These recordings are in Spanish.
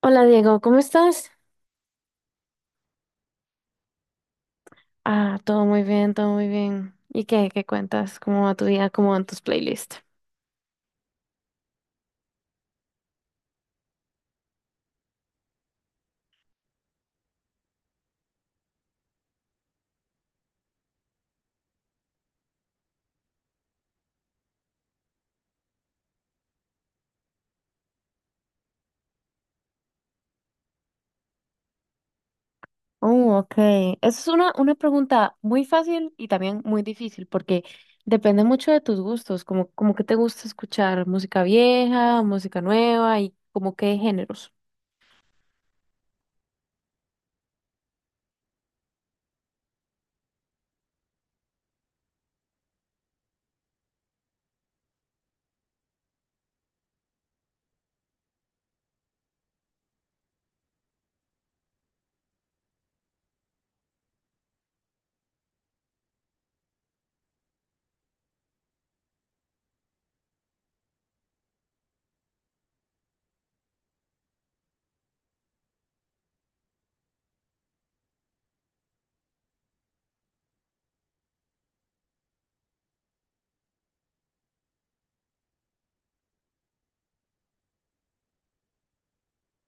Hola Diego, ¿cómo estás? Ah, todo muy bien, todo muy bien. ¿Y qué? ¿Qué cuentas? ¿Cómo va tu día? ¿Cómo van tus playlists? Oh, ok. Esa es una pregunta muy fácil y también muy difícil porque depende mucho de tus gustos, como, como que te gusta escuchar música vieja, música nueva y como qué géneros.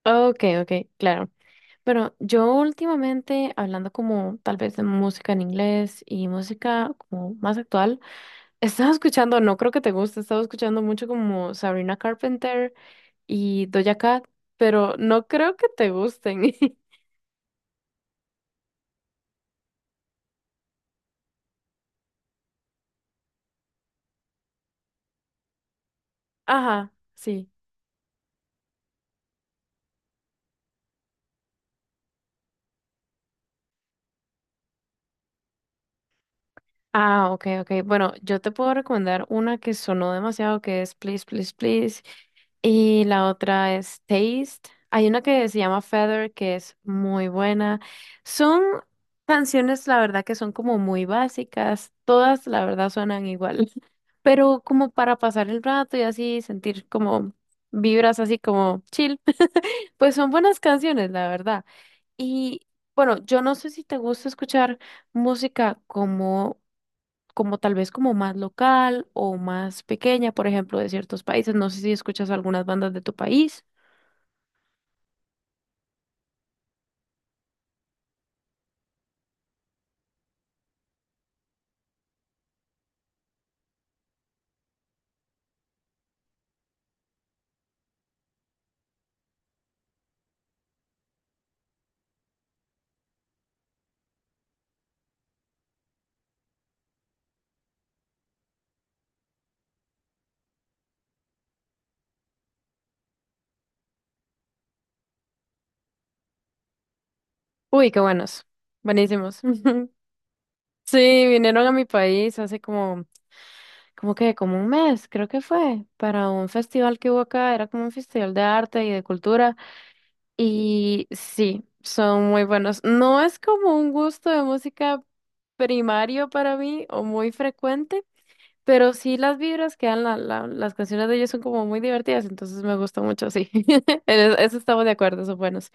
Ok, ok, claro. Bueno, yo últimamente, hablando como tal vez de música en inglés y música como más actual, estaba escuchando, no creo que te guste, estaba escuchando mucho como Sabrina Carpenter y Doja Cat, pero no creo que te gusten. Ajá, sí. Ah, ok, ok. Bueno, yo te puedo recomendar una que sonó demasiado, que es Please, Please, Please. Y la otra es Taste. Hay una que se llama Feather, que es muy buena. Son canciones, la verdad, que son como muy básicas. Todas, la verdad, suenan igual, pero como para pasar el rato y así sentir como vibras así como chill, pues son buenas canciones, la verdad. Y bueno, yo no sé si te gusta escuchar música como, como tal vez como más local o más pequeña, por ejemplo, de ciertos países. No sé si escuchas algunas bandas de tu país. Uy, qué buenos, buenísimos. Sí, vinieron a mi país hace como, como que, como un mes, creo que fue, para un festival que hubo acá, era como un festival de arte y de cultura. Y sí, son muy buenos. No es como un gusto de música primario para mí o muy frecuente, pero sí las vibras que dan las canciones de ellos son como muy divertidas, entonces me gusta mucho, sí. Eso estamos de acuerdo, son buenos.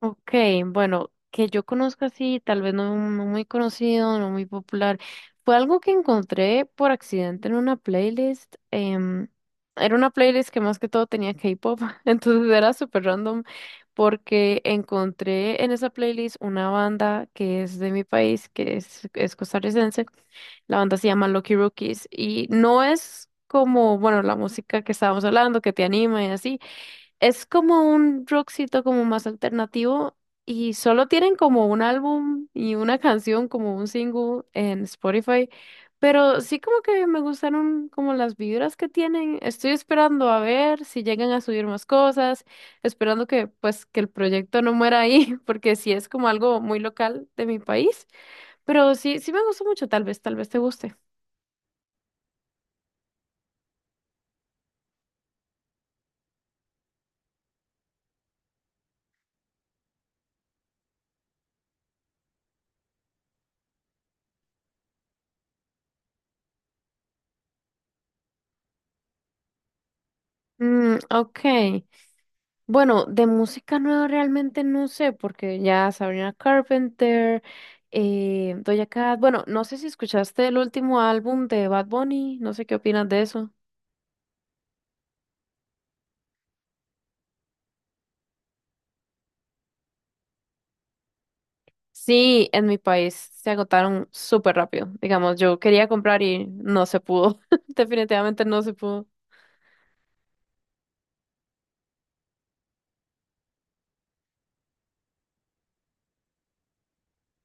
Ok, bueno, que yo conozca así, tal vez no, no muy conocido, no muy popular. Fue algo que encontré por accidente en una playlist. Era una playlist que más que todo tenía K-pop, entonces era súper random porque encontré en esa playlist una banda que es de mi país, es costarricense. La banda se llama Lucky Rookies y no es como, bueno, la música que estábamos hablando, que te anima y así. Es como un rockcito como más alternativo y solo tienen como un álbum y una canción como un single en Spotify, pero sí como que me gustaron como las vibras que tienen. Estoy esperando a ver si llegan a subir más cosas, esperando que pues que el proyecto no muera ahí, porque sí es como algo muy local de mi país, pero sí me gustó mucho, tal vez te guste. Mm, ok. Bueno, de música nueva realmente no sé, porque ya Sabrina Carpenter, Doja Cat, bueno, no sé si escuchaste el último álbum de Bad Bunny, no sé qué opinas de eso. Sí, en mi país se agotaron súper rápido, digamos, yo quería comprar y no se pudo, definitivamente no se pudo.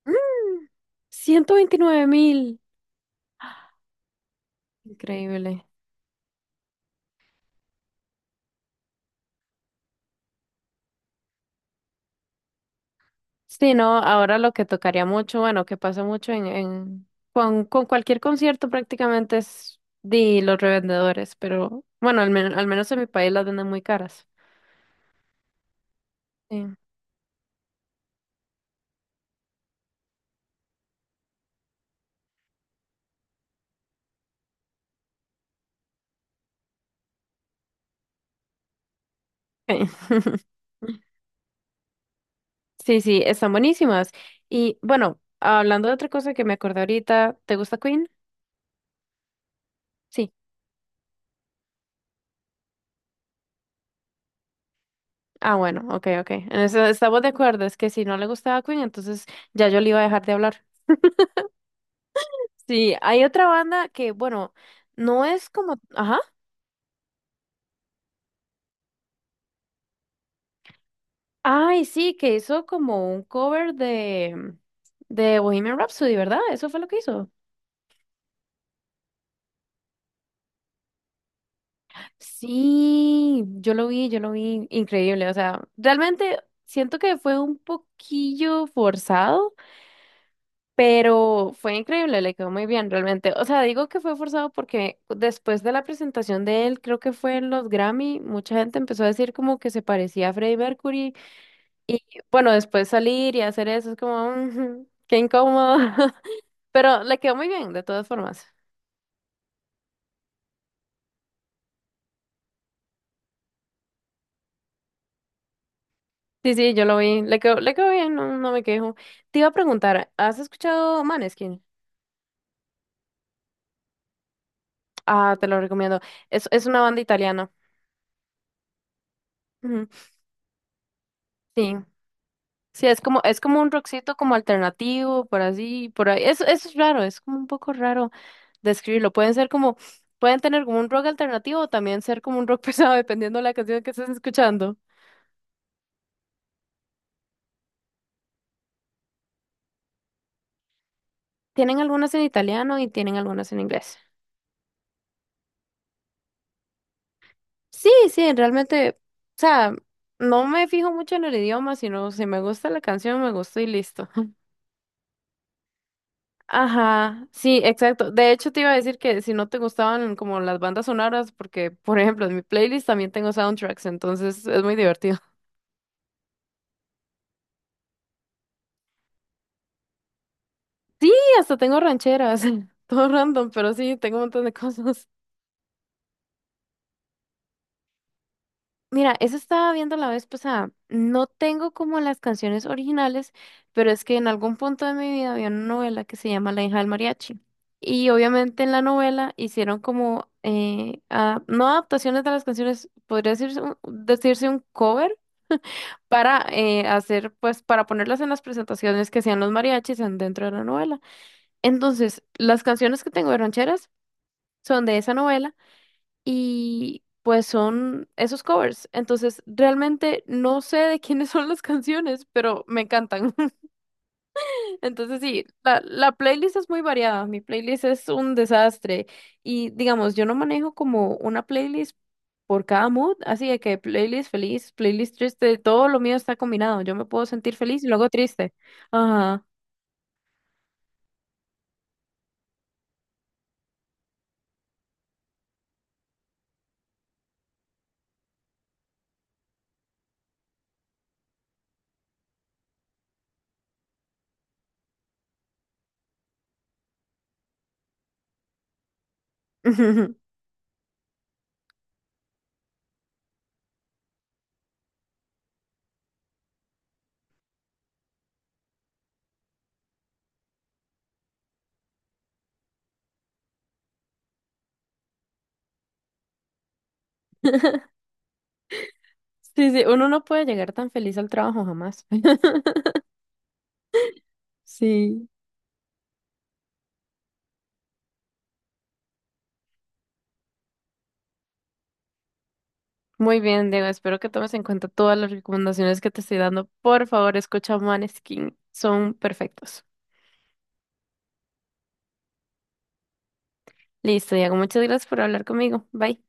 Mm, 129.000, increíble. Sí, no, ahora lo que tocaría mucho, bueno, que pasa mucho con cualquier concierto prácticamente es de los revendedores, pero bueno, al menos en mi país las venden muy caras. Sí. Ok. Sí, sí, están buenísimas. Y bueno, hablando de otra cosa que me acordé ahorita, ¿te gusta Queen? Sí. Ah, bueno, ok, ok. En eso estamos de acuerdo, es que si no le gustaba Queen, entonces ya yo le iba a dejar de hablar. Sí, hay otra banda que, bueno, no es como, ajá. Ay, sí, que hizo como un cover de Bohemian Rhapsody, ¿verdad? Eso fue lo que hizo. Sí, yo lo vi, increíble. O sea, realmente siento que fue un poquillo forzado, pero fue increíble, le quedó muy bien, realmente. O sea, digo que fue forzado porque después de la presentación de él, creo que fue en los Grammy, mucha gente empezó a decir como que se parecía a Freddie Mercury y bueno, después salir y hacer eso es como, "Mm, qué incómodo." Pero le quedó muy bien, de todas formas. Sí, sí, yo lo vi. Le quedó bien, no, no me quejo. Te iba a preguntar, ¿has escuchado Maneskin? Ah, te lo recomiendo. Es una banda italiana. Ujú, sí. Sí, es como un rockcito como alternativo, por así, por ahí. Es raro, es como un poco raro describirlo. Pueden ser como, pueden tener como un rock alternativo o también ser como un rock pesado, dependiendo de la canción que estés escuchando. Tienen algunas en italiano y tienen algunas en inglés. Sí, sí, realmente, o sea, no me fijo mucho en el idioma, sino si me gusta la canción, me gustó y listo. Ajá, sí, exacto. De hecho, te iba a decir que si no te gustaban como las bandas sonoras, porque, por ejemplo, en mi playlist también tengo soundtracks, entonces es muy divertido. Sí, hasta tengo rancheras, todo random, pero sí, tengo un montón de cosas. Mira, eso estaba viendo la vez pasada. No tengo como las canciones originales, pero es que en algún punto de mi vida había una novela que se llama La hija del mariachi. Y obviamente en la novela hicieron como, no adaptaciones de las canciones, podría decirse un cover para hacer, pues, para ponerlas en las presentaciones que hacían los mariachis dentro de la novela. Entonces, las canciones que tengo de rancheras son de esa novela y pues son esos covers. Entonces, realmente no sé de quiénes son las canciones, pero me encantan. Entonces, sí, la playlist es muy variada. Mi playlist es un desastre. Y digamos, yo no manejo como una playlist por cada mood, así de que playlist feliz, playlist triste, todo lo mío está combinado. Yo me puedo sentir feliz y luego triste. Ajá. Sí, sí, uno no puede llegar tan feliz al trabajo jamás. Sí. Muy bien, Diego. Espero que tomes en cuenta todas las recomendaciones que te estoy dando. Por favor, escucha Maneskin. Son perfectos. Listo, Diego. Muchas gracias por hablar conmigo. Bye.